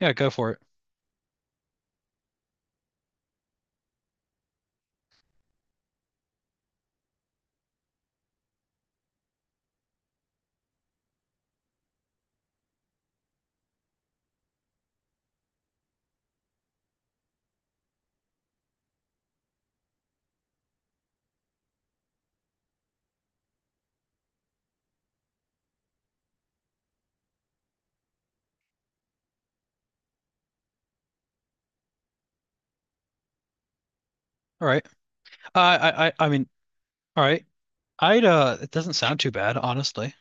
Yeah, go for it. All right. I mean, all right. I'd, it doesn't sound too bad, honestly.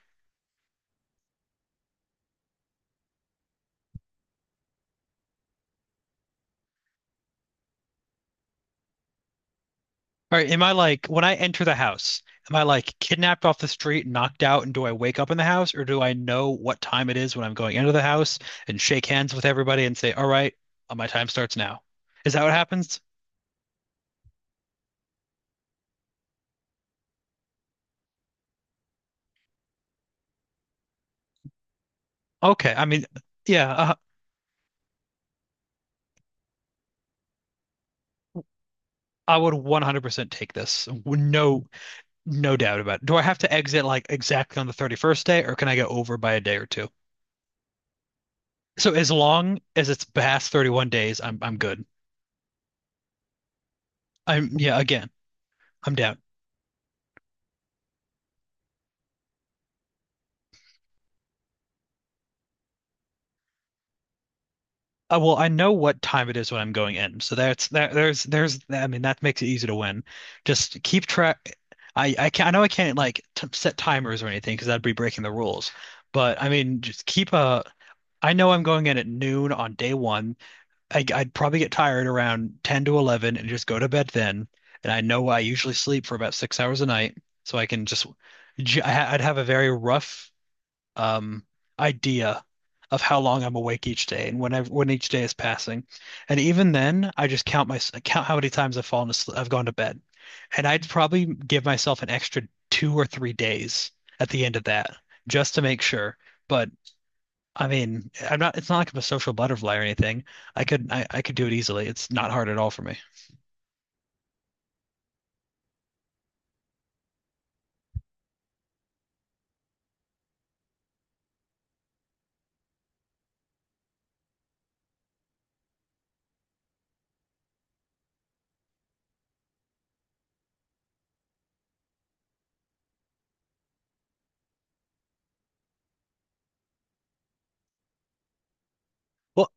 All right. Am I like, when I enter the house, am I like kidnapped off the street, knocked out, and do I wake up in the house, or do I know what time it is when I'm going into the house and shake hands with everybody and say, all right, my time starts now? Is that what happens? Okay. I mean, yeah, I would 100% take this. No, no doubt about it. Do I have to exit like exactly on the 31st day, or can I go over by a day or two? So as long as it's past 31 days, I'm good. I'm yeah, again, I'm down. Well, I know what time it is when I'm going in. So that's that there's I mean that makes it easy to win. Just keep track. I can I know I can't like t set timers or anything because that'd be breaking the rules. But I mean just keep a I know I'm going in at noon on day one. I'd probably get tired around 10 to 11 and just go to bed then. And I know I usually sleep for about 6 hours a night, so I can just I'd have a very rough um, idea of how long I'm awake each day and when each day is passing. And even then, I just count how many times I've fallen asleep, I've gone to bed. And I'd probably give myself an extra 2 or 3 days at the end of that just to make sure. But I mean, I'm not, it's not like I'm a social butterfly or anything. I could do it easily. It's not hard at all for me. Well,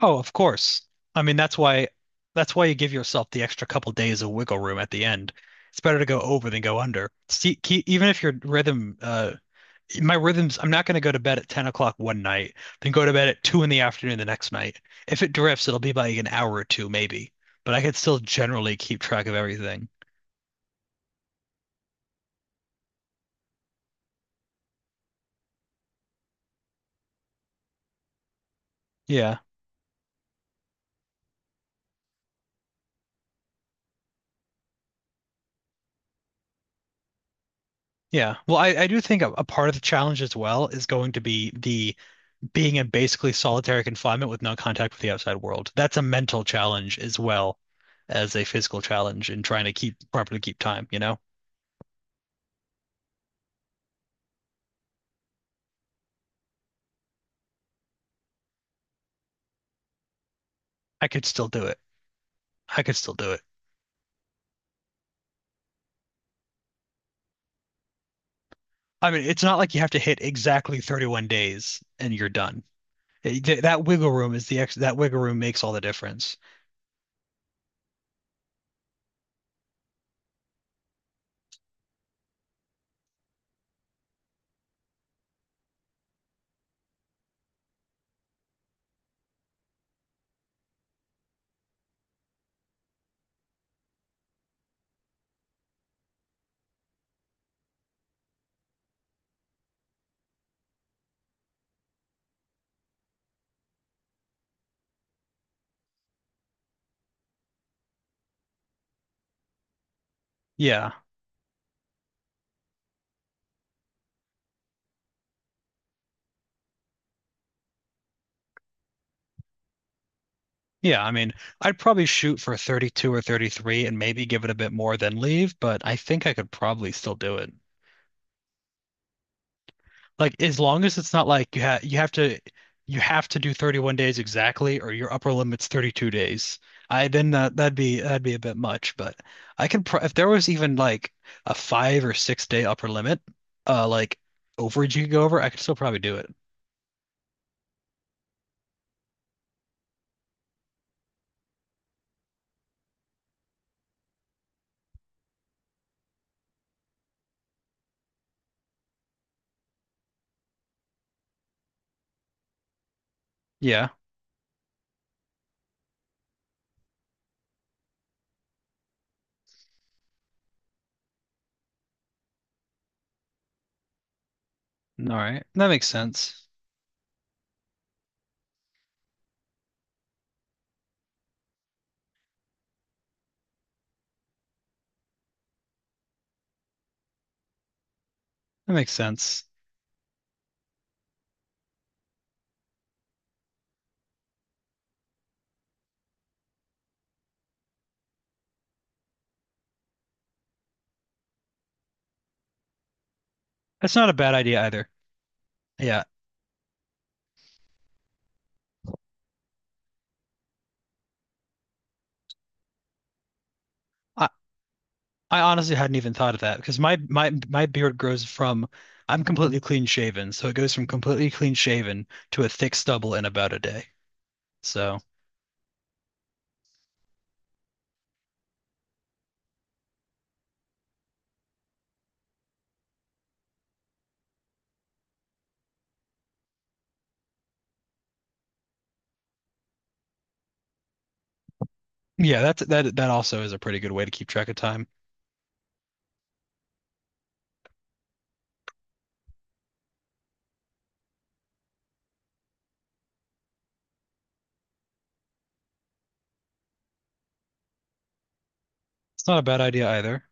oh, of course. I mean, that's why you give yourself the extra couple days of wiggle room at the end. It's better to go over than go under. See, ke even if your rhythm, my rhythms, I'm not going to go to bed at 10 o'clock one night, then go to bed at two in the afternoon the next night. If it drifts, it'll be like an hour or two maybe, but I could still generally keep track of everything. Yeah. Yeah. Well, I do think a part of the challenge as well is going to be the being in basically solitary confinement with no contact with the outside world. That's a mental challenge as well as a physical challenge in trying to keep properly keep time, you know? I could still do it. I could still do it. I mean, it's not like you have to hit exactly 31 days and you're done. That wiggle room is the ex that wiggle room makes all the difference. Yeah. Yeah, I mean, I'd probably shoot for 32 or 33 and maybe give it a bit more than leave, but I think I could probably still do it. Like as long as it's not like you have to do 31 days exactly or your upper limit's 32 days. I then that that'd be a bit much, but I can pro if there was even like a 5 or 6 day upper limit, uh like overage you could go over, I could still probably do it. Yeah. All right. That makes sense. That makes sense. That's not a bad idea either. Yeah. I honestly hadn't even thought of that because my beard grows from I'm completely clean shaven, so it goes from completely clean shaven to a thick stubble in about a day. So yeah, that also is a pretty good way to keep track of time. It's not a bad idea either.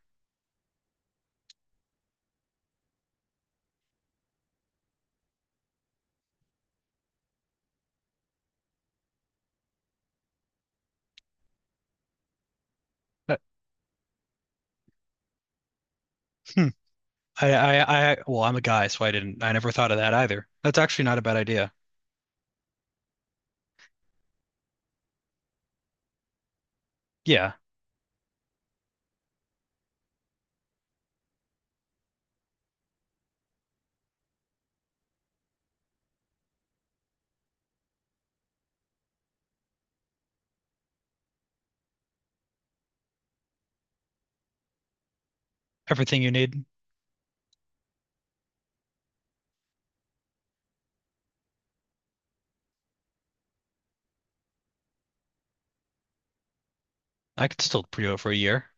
But hmm, I well, I'm a guy, so I didn't I never thought of that either. That's actually not a bad idea. Yeah, everything you need, I could still do it for a year.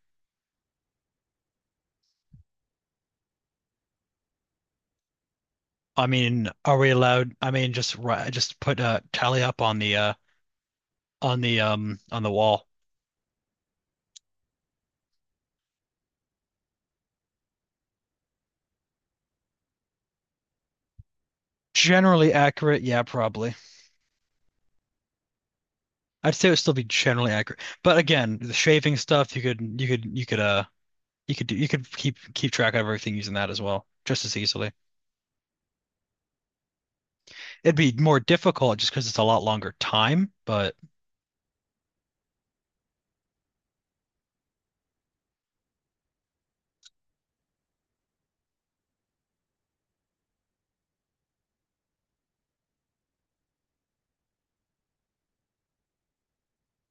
I mean, are we allowed? I mean, just just put a tally up on the on the on the wall. Generally accurate, yeah, probably. I'd say it would still be generally accurate. But again, the shaving stuff, you could do you could keep track of everything using that as well, just as easily. It'd be more difficult just because it's a lot longer time, but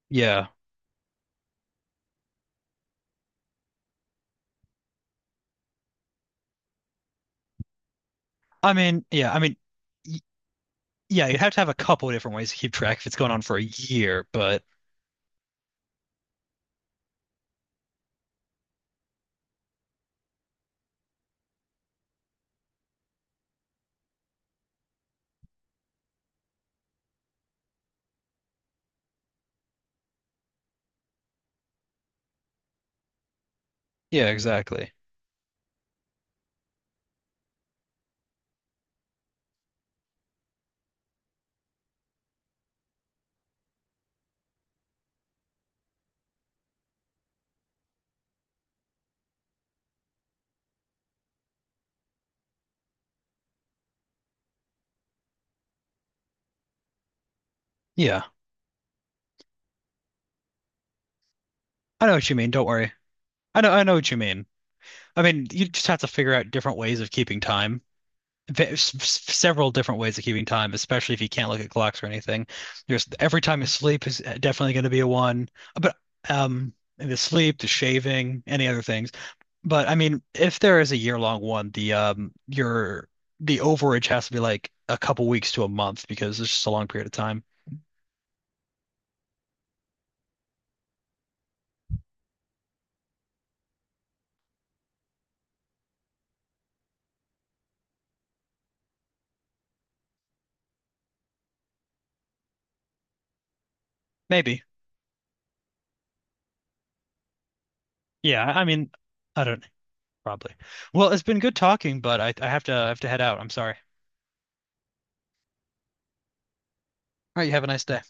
yeah. I mean y- yeah, you'd have to have a couple of different ways to keep track if it's going on for a year, but yeah, exactly. Yeah. I know what you mean, don't worry. I know what you mean. I mean, you just have to figure out different ways of keeping time. There's several different ways of keeping time, especially if you can't look at clocks or anything. There's every time you sleep is definitely going to be a one, but um, and the sleep, the shaving, any other things. But I mean, if there is a year-long one, the overage has to be like a couple weeks to a month because it's just a long period of time. Maybe. Yeah. I mean, I don't probably. Well, it's been good talking, but I have to I have to head out. I'm sorry. All right. You have a nice day.